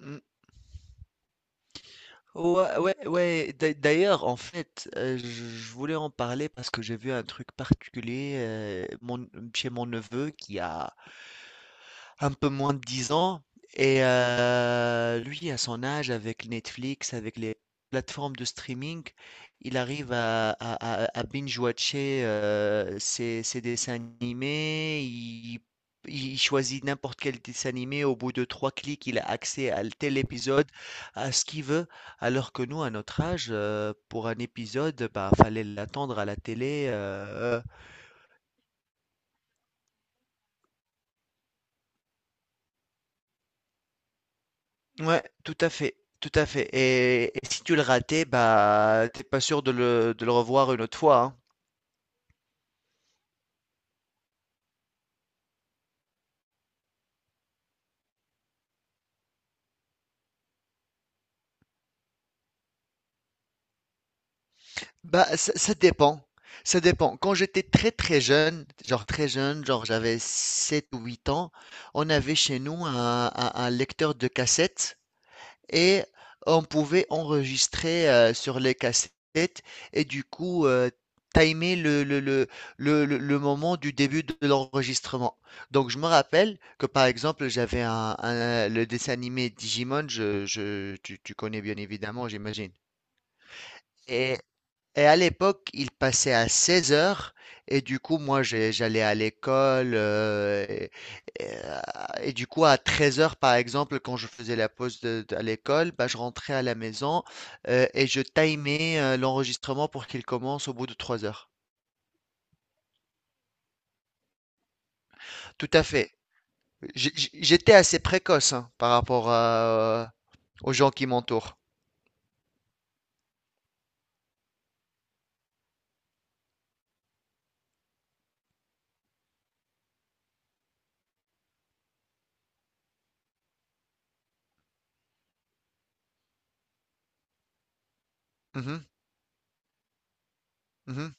Mmh. Ouais, ouais, ouais. D'ailleurs, en fait, je voulais en parler parce que j'ai vu un truc particulier chez mon neveu qui a un peu moins de 10 ans. Et lui, à son âge, avec Netflix, avec les plateformes de streaming, il arrive à binge-watcher ses dessins animés. Il choisit n'importe quel dessin animé. Au bout de trois clics, il a accès à tel épisode, à ce qu'il veut. Alors que nous, à notre âge, pour un épisode, bah, fallait l'attendre à la télé, ouais, tout à fait et si tu le ratais, bah, t'es pas sûr de le revoir une autre fois, hein. Bah, ça dépend, ça dépend. Quand j'étais très, très jeune, genre j'avais 7 ou 8 ans, on avait chez nous un lecteur de cassettes et on pouvait enregistrer sur les cassettes et du coup timer le moment du début de l'enregistrement. Donc je me rappelle que par exemple j'avais le dessin animé Digimon, tu connais bien évidemment, j'imagine. Et à l'époque, il passait à 16 heures. Et du coup, moi, j'allais à l'école. Et, euh, et du coup, à 13 heures, par exemple, quand je faisais la pause à l'école, bah, je rentrais à la maison et je timais l'enregistrement pour qu'il commence au bout de 3 heures. Tout à fait. J'étais assez précoce hein, par rapport aux gens qui m'entourent. Mhm, mhm,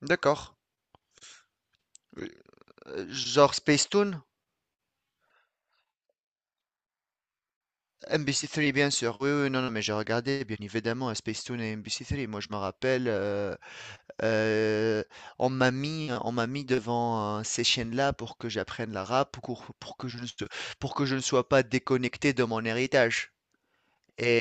d'accord. Euh, Genre Spacetoon, MBC3 bien sûr. Oui, oui, non, non, mais j'ai regardé bien évidemment à Spacetoon et MBC3. Moi, je me rappelle, Euh, on m'a mis devant ces chaînes-là pour que j'apprenne l'arabe, pour que je ne sois pas déconnecté de mon héritage. Et,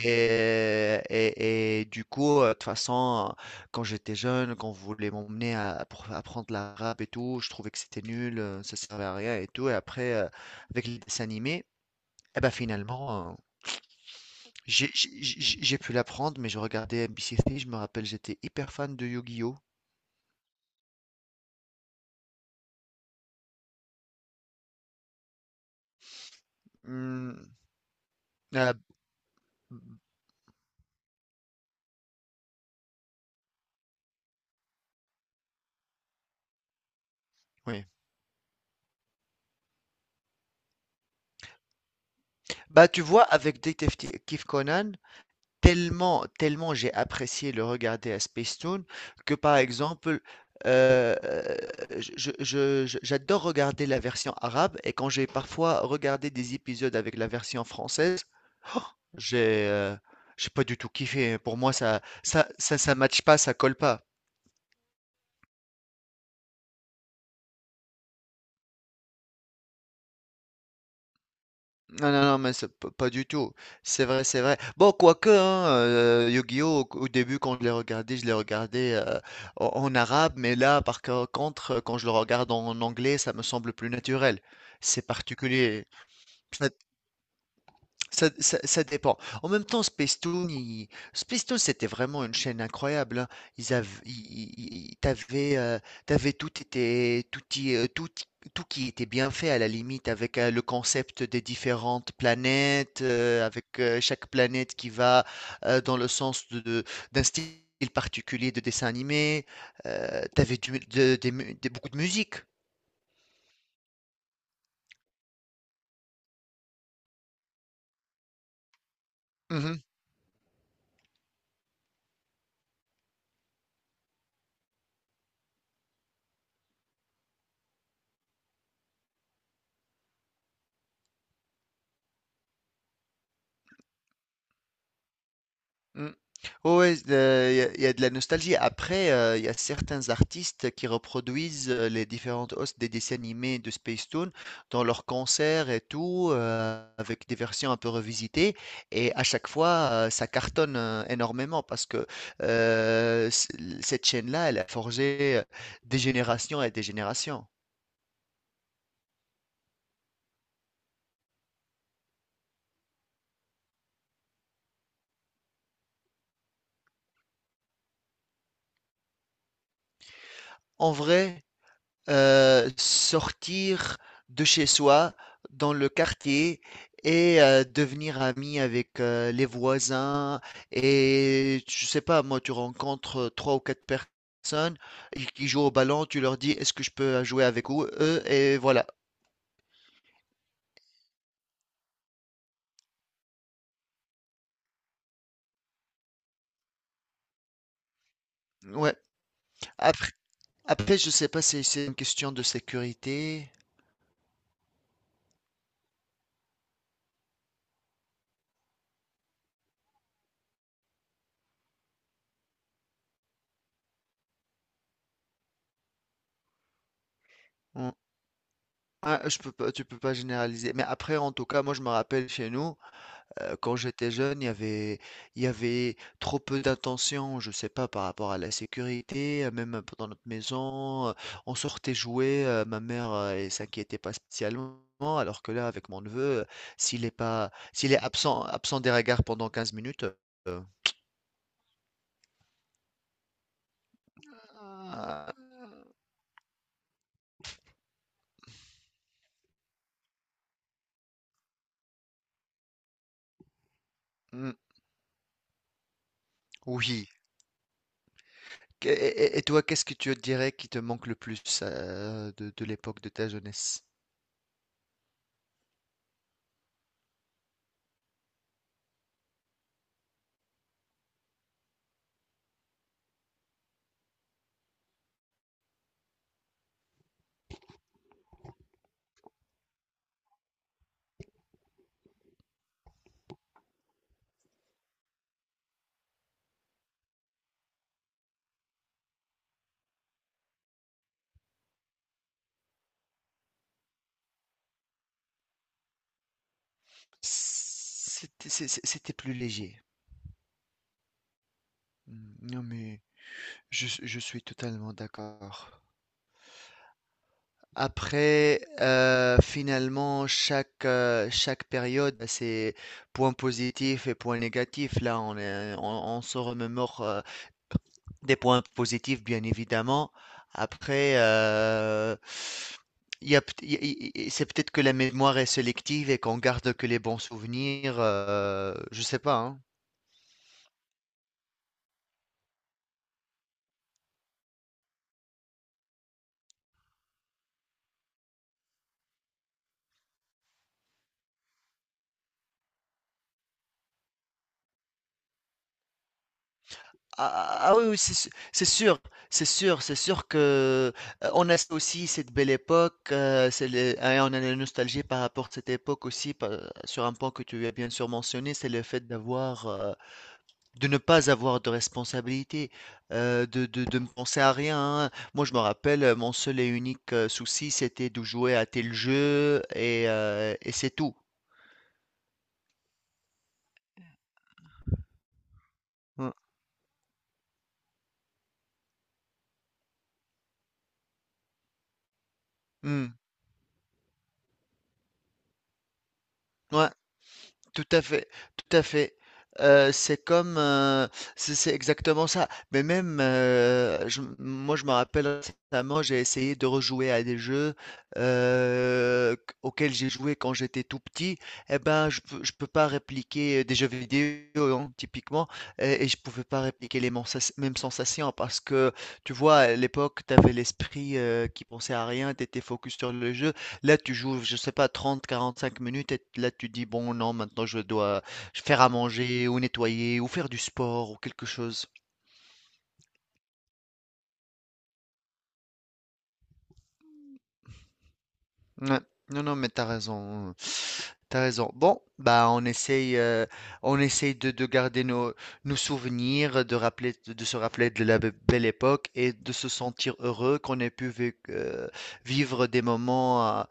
et du coup, de toute façon, quand j'étais jeune, quand on voulait m'emmener pour apprendre l'arabe et tout, je trouvais que c'était nul, ça servait à rien et tout. Et après, avec les dessins animés, eh ben finalement, j'ai pu l'apprendre, mais je regardais MBC3, je me rappelle, j'étais hyper fan de Yu-Gi-Oh! Hmm, euh, Oui. Bah, tu vois, avec Détective Conan, tellement, tellement j'ai apprécié le regarder à Spacetoon que, par exemple, euh, euh, j'adore regarder la version arabe et quand j'ai parfois regardé des épisodes avec la version française, oh, j'ai euh, j'ai pas du tout kiffé. Pour moi, ça matche pas, ça colle pas. Non, non, non, mais pas du tout. C'est vrai, c'est vrai. Bon, quoique, hein, Yu-Gi-Oh! au début, quand je l'ai regardé, en arabe, mais là, contre, quand je le regarde en anglais, ça me semble plus naturel. C'est particulier. Ça- ça dépend. En même temps, Spacetoon, il Spacetoon, c'était vraiment une chaîne incroyable, hein. Ils avaient i i i tu avais, tout était tout y, tout y- tout qui était bien fait à la limite avec, le concept des différentes planètes, avec, chaque planète qui va, dans le sens de d'un style particulier de dessin animé. Tu du de des mu des beaucoup de musique. Mmh. Mmh. Ouais, ouais, il y a de la nostalgie. Après, il y a certains artistes qui reproduisent, les différentes hosts des dessins animés de Spacetoon dans leurs concerts et tout, avec des versions un peu revisitées et à chaque fois, ça cartonne, énormément parce que, c cette chaîne-là, elle a forgé, des générations et des générations. En vrai sortir de chez soi dans le quartier et devenir ami avec les voisins. Et je sais pas, moi, tu rencontres trois ou quatre personnes et qui jouent au ballon, tu leur dis, est-ce que je peux jouer avec eux? Et voilà. Ouais. Après, après, je sais pas si c'est une question de sécurité. Mm. Ah, je peux pas, tu peux pas généraliser. Mais après, en tout cas, moi, je me rappelle chez nous, quand j'étais jeune, il y avait trop peu d'attention, je sais pas, par rapport à la sécurité, même dans notre maison. On sortait jouer, ma mère, elle s'inquiétait pas spécialement. Alors que là, avec mon neveu, s'il est pas, s'il est absent des regards pendant 15 minutes, euh, Ah, ah, mm, oui. Et toi, qu'est-ce que tu dirais qui te manque le plus de l'époque de ta jeunesse? C'était plus léger. Mm, non mais. Je suis totalement d'accord. Après, finalement, chaque période a ses points positifs et points négatifs. Là, on se remémore des points positifs, bien évidemment. Après, il y a peut- il y a- il- c'est peut-être que la mémoire est sélective et qu'on garde que les bons souvenirs. Je sais pas, hein. Ah, ah ah, ah oui, oui, c'est sûr, c'est sûr, c'est sûr que on a aussi cette belle époque, hein, on a la nostalgie par rapport à cette époque aussi, sur un point que tu as bien sûr mentionné, c'est le fait d'avoir, de ne pas avoir de responsabilité, de ne penser à rien. Hein. Moi, je me rappelle, mon seul et unique souci, c'était de jouer à tel jeu et c'est tout. Mm. Mm. Ouais. Tout à fait, tout à fait. C'est comme, c'est exactement ça. Mais même, moi, je me rappelle récemment, j'ai essayé de rejouer à des jeux auxquels j'ai joué quand j'étais tout petit. Eh ben, je peux pas répliquer des jeux vidéo, hein, typiquement, et je pouvais pas répliquer les mêmes sensations parce que, tu vois, à l'époque, tu avais l'esprit qui pensait à rien, tu étais focus sur le jeu. Là, tu joues, je sais pas, 30, 45 minutes et là, tu dis, bon, non, maintenant, je dois faire à manger ou nettoyer ou faire du sport ou quelque chose. Ouais. Non, non, mais t'as raison. T'as raison. Bon, bah, on essaye de garder nos souvenirs, de se rappeler de la belle époque et de se sentir heureux qu'on ait pu vivre des moments euh,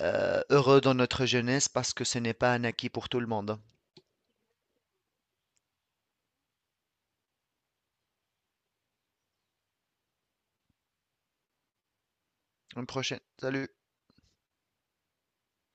euh, heureux dans notre jeunesse parce que ce n'est pas un acquis pour tout le monde. Une prochaine. Salut.